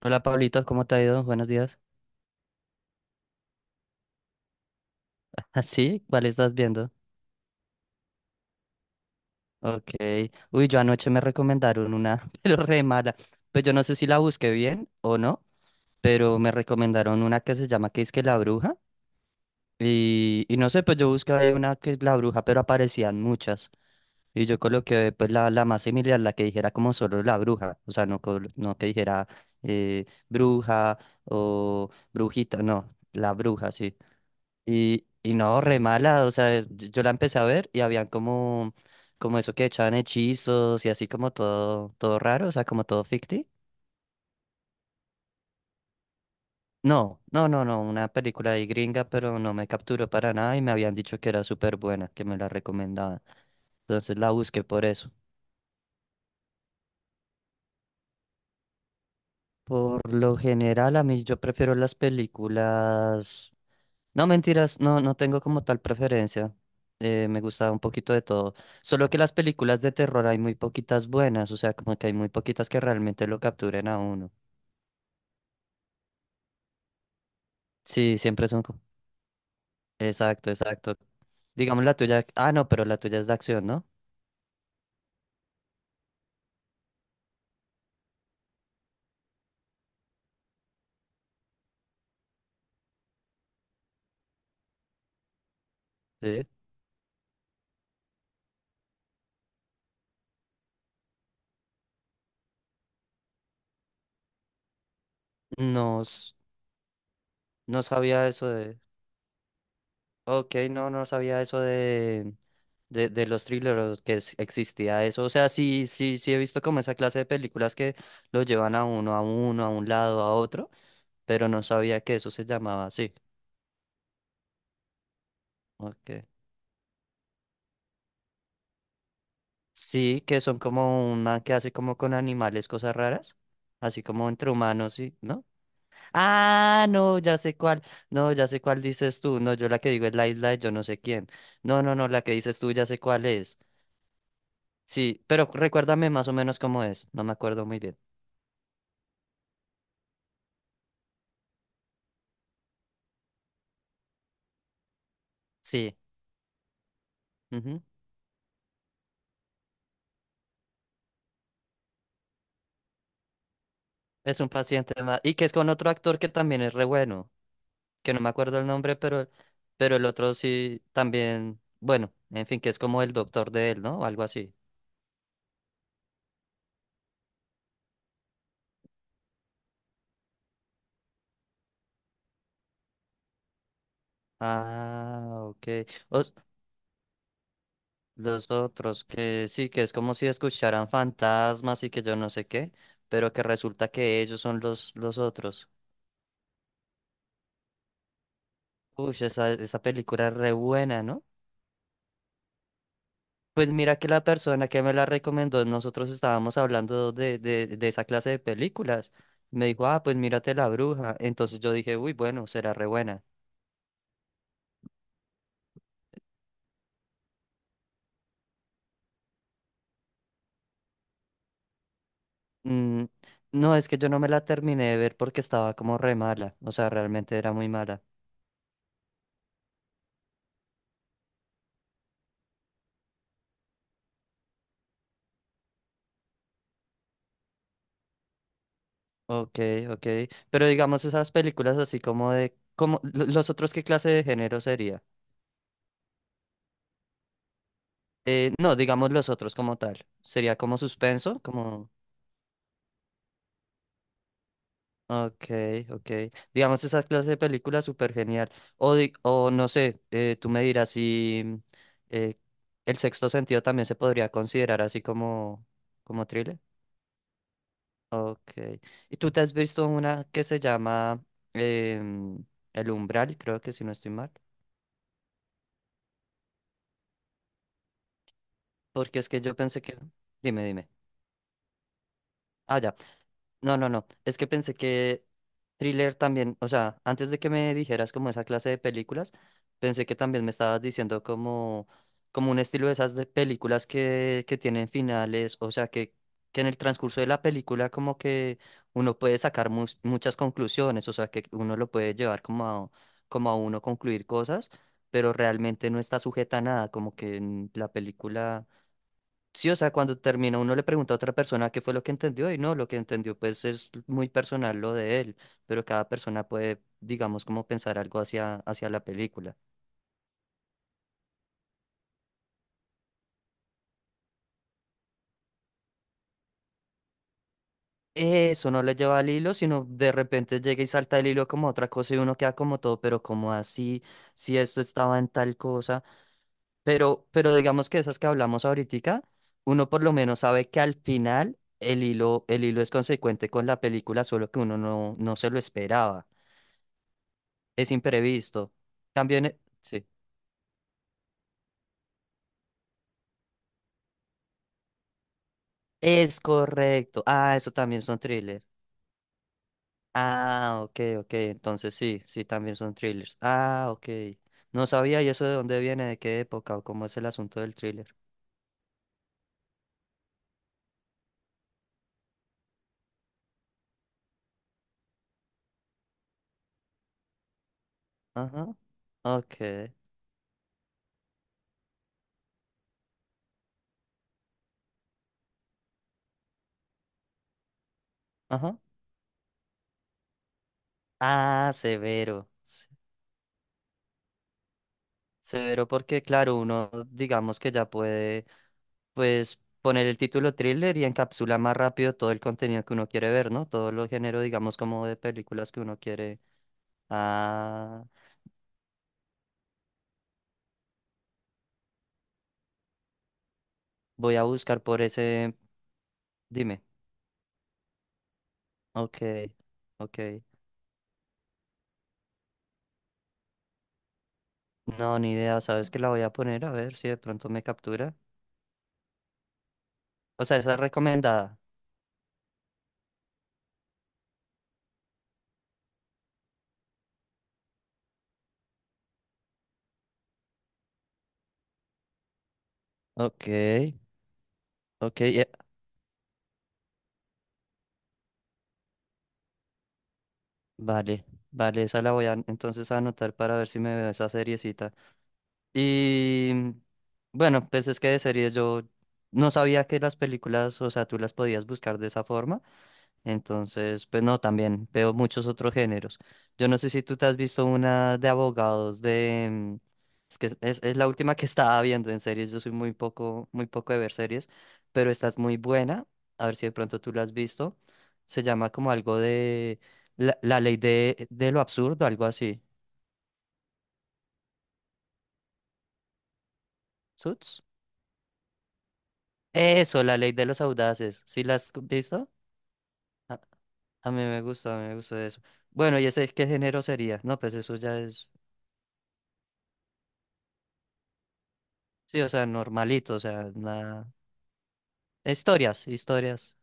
Hola Pablito, ¿cómo te ha ido? Buenos días. ¿Así? ¿Cuál estás viendo? Ok. Uy, yo anoche me recomendaron una, pero re mala. Pues yo no sé si la busqué bien o no, pero me recomendaron una que se llama que es que La Bruja. Y no sé, pues yo busqué ahí una que es La Bruja, pero aparecían muchas. Y yo coloqué pues la más similar, la que dijera como solo La Bruja. O sea, no, no que dijera bruja o brujita, no, La Bruja, sí. Y no, re mala, o sea, yo la empecé a ver y habían como, como eso que echaban hechizos y así como todo, todo raro, o sea, como todo ficti. No, no, no, no, una película de gringa, pero no me capturó para nada y me habían dicho que era súper buena, que me la recomendaban. Entonces la busqué por eso. Por lo general, a mí yo prefiero las películas. No, mentiras, no, no tengo como tal preferencia. Me gusta un poquito de todo. Solo que las películas de terror hay muy poquitas buenas, o sea, como que hay muy poquitas que realmente lo capturen a uno. Sí, siempre son... Exacto, exacto. Digamos la tuya... Ah, no, pero la tuya es de acción, ¿no? Sí. No, no sabía eso de... Ok, no, no sabía eso de... De los thrillers, que existía eso. O sea, sí, sí, sí he visto como esa clase de películas que lo llevan a uno, a uno, a un lado, a otro. Pero no sabía que eso se llamaba así. ¿Ok? Sí, que son como una que hace como con animales cosas raras, así como entre humanos, ¿sí? ¿No? Ah, no, ya sé cuál, no, ya sé cuál dices tú, no, yo la que digo es la isla de yo no sé quién. No, no, no, la que dices tú ya sé cuál es. Sí, pero recuérdame más o menos cómo es, no me acuerdo muy bien. Sí, ujú. Es un paciente más, y que es con otro actor que también es re bueno. Que no me acuerdo el nombre, pero el otro sí también, bueno, en fin, que es como el doctor de él, ¿no? O algo así. Ah, ok. Os- los otros que sí, que es como si escucharan fantasmas y que yo no sé qué, pero que resulta que ellos son los otros. Uy, esa película es re buena, ¿no? Pues mira que la persona que me la recomendó, nosotros estábamos hablando de esa clase de películas. Me dijo, ah, pues mírate La Bruja. Entonces yo dije, uy, bueno, será re buena. Mm, no, es que yo no me la terminé de ver porque estaba como re mala, o sea, realmente era muy mala. Ok, ok, pero digamos esas películas así como de, como, los otros, ¿qué clase de género sería? No, digamos los otros como tal, sería como suspenso, como, ok, ok, digamos esa clase de película súper genial, o, o no sé, tú me dirás si eh, el sexto sentido también se podría considerar así como, como thriller. Ok. ¿Y tú te has visto una que se llama em, El Umbral? Creo que si no estoy mal. Porque es que yo pensé que... Dime, dime. Ah, ya. No, no, no. Es que pensé que thriller también, o sea, antes de que me dijeras como esa clase de películas, pensé que también me estabas diciendo como, como un estilo de esas de películas que tienen finales, o sea, que en el transcurso de la película como que uno puede sacar muchas conclusiones, o sea, que uno lo puede llevar como a, como a uno concluir cosas, pero realmente no está sujeta a nada, como que en la película... Sí, o sea, cuando termina uno le pregunta a otra persona qué fue lo que entendió y no, lo que entendió pues es muy personal lo de él, pero cada persona puede, digamos, como pensar algo hacia, hacia la película. Eso no le lleva al hilo, sino de repente llega y salta el hilo como otra cosa y uno queda como todo, pero como así, si esto estaba en tal cosa, pero digamos que esas que hablamos ahorita, uno por lo menos sabe que al final el hilo es consecuente con la película, solo que uno no, no se lo esperaba. Es imprevisto. Cambio en... Sí. Es correcto. Ah, eso también son thrillers. Ah, ok, ok. Entonces sí, sí, también son thrillers. Ah, ok. No sabía y eso de dónde viene, de qué época o cómo es el asunto del thriller. Ajá. Ok. Ajá. Ah, severo. Severo porque, claro, uno digamos que ya puede, pues, poner el título thriller y encapsula más rápido todo el contenido que uno quiere ver, ¿no? Todo los género, digamos, como de películas que uno quiere. Ah, voy a buscar por ese. Dime. Ok, ok. No, ni idea. ¿Sabes que la voy a poner? A ver si de pronto me captura. O sea, esa es recomendada. Ok, ok. Vale, vale. Esa la voy a entonces a anotar para ver si me veo esa seriecita. Y bueno, pues es que de series yo no sabía que las películas, o sea, tú las podías buscar de esa forma. Entonces, pues no, también veo muchos otros géneros. Yo no sé si tú te has visto una de abogados de... es que es, es la última que estaba viendo en series. Yo soy muy poco de ver series, pero esta es muy buena. A ver si de pronto tú la has visto. Se llama como algo de la ley de lo absurdo, algo así. ¿Suits? Eso, la ley de los audaces. ¿Sí la has visto? A, a mí me gusta, a mí me gusta eso. Bueno, ¿y ese qué género sería? No, pues eso ya es... Sí, o sea, normalito, o sea, nada. Historias, historias.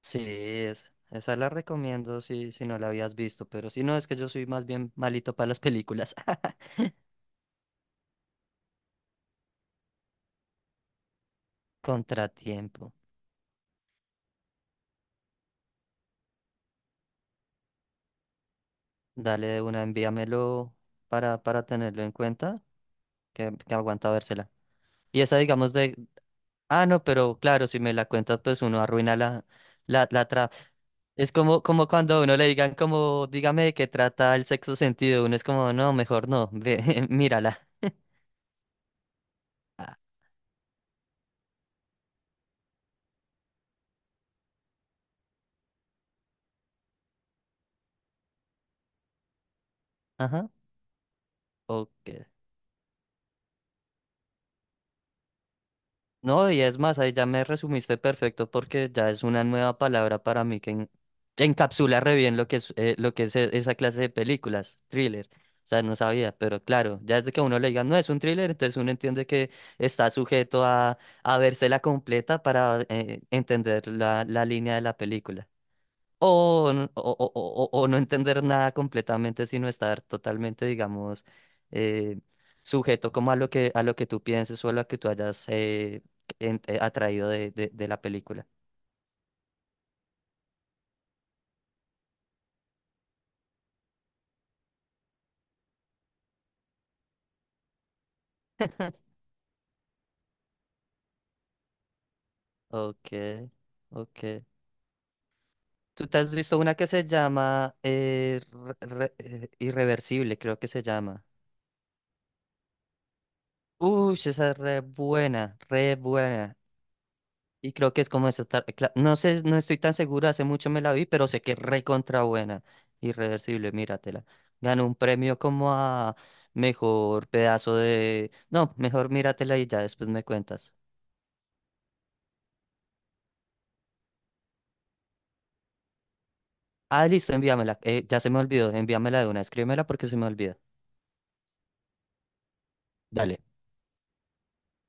Sí, es, esa la recomiendo si, si no la habías visto, pero si no, es que yo soy más bien malito para las películas. Contratiempo. Dale de una, envíamelo para tenerlo en cuenta, que aguanta vérsela. Y esa, digamos, de. Ah, no, pero claro, si me la cuentas, pues uno arruina la, la, es como, como cuando a uno le digan, como, dígame de qué trata el sexto sentido. Uno es como, no, mejor no, ve, mírala. Ah, ajá. Ok. No, y es más, ahí ya me resumiste perfecto porque ya es una nueva palabra para mí que encapsula re bien lo que es esa clase de películas, thriller. O sea, no sabía, pero claro, ya desde que a uno le diga, no es un thriller, entonces uno entiende que está sujeto a vérsela completa para entender la línea de la película. O, o, no entender nada completamente, sino estar totalmente, digamos, eh, sujeto como a lo que tú pienses o a lo que tú hayas atraído de la película. Ok, ok. ¿Tú te has visto una que se llama Irreversible, creo que se llama? Uy, esa es re buena, re buena. Y creo que es como esa no sé, no estoy tan segura, hace mucho me la vi, pero sé que es recontra buena. Irreversible, míratela. Ganó un premio como a mejor pedazo de. No, mejor míratela y ya después me cuentas. Ah, listo, envíamela. Ya se me olvidó, envíamela de una, escríbemela porque se me olvida. Dale.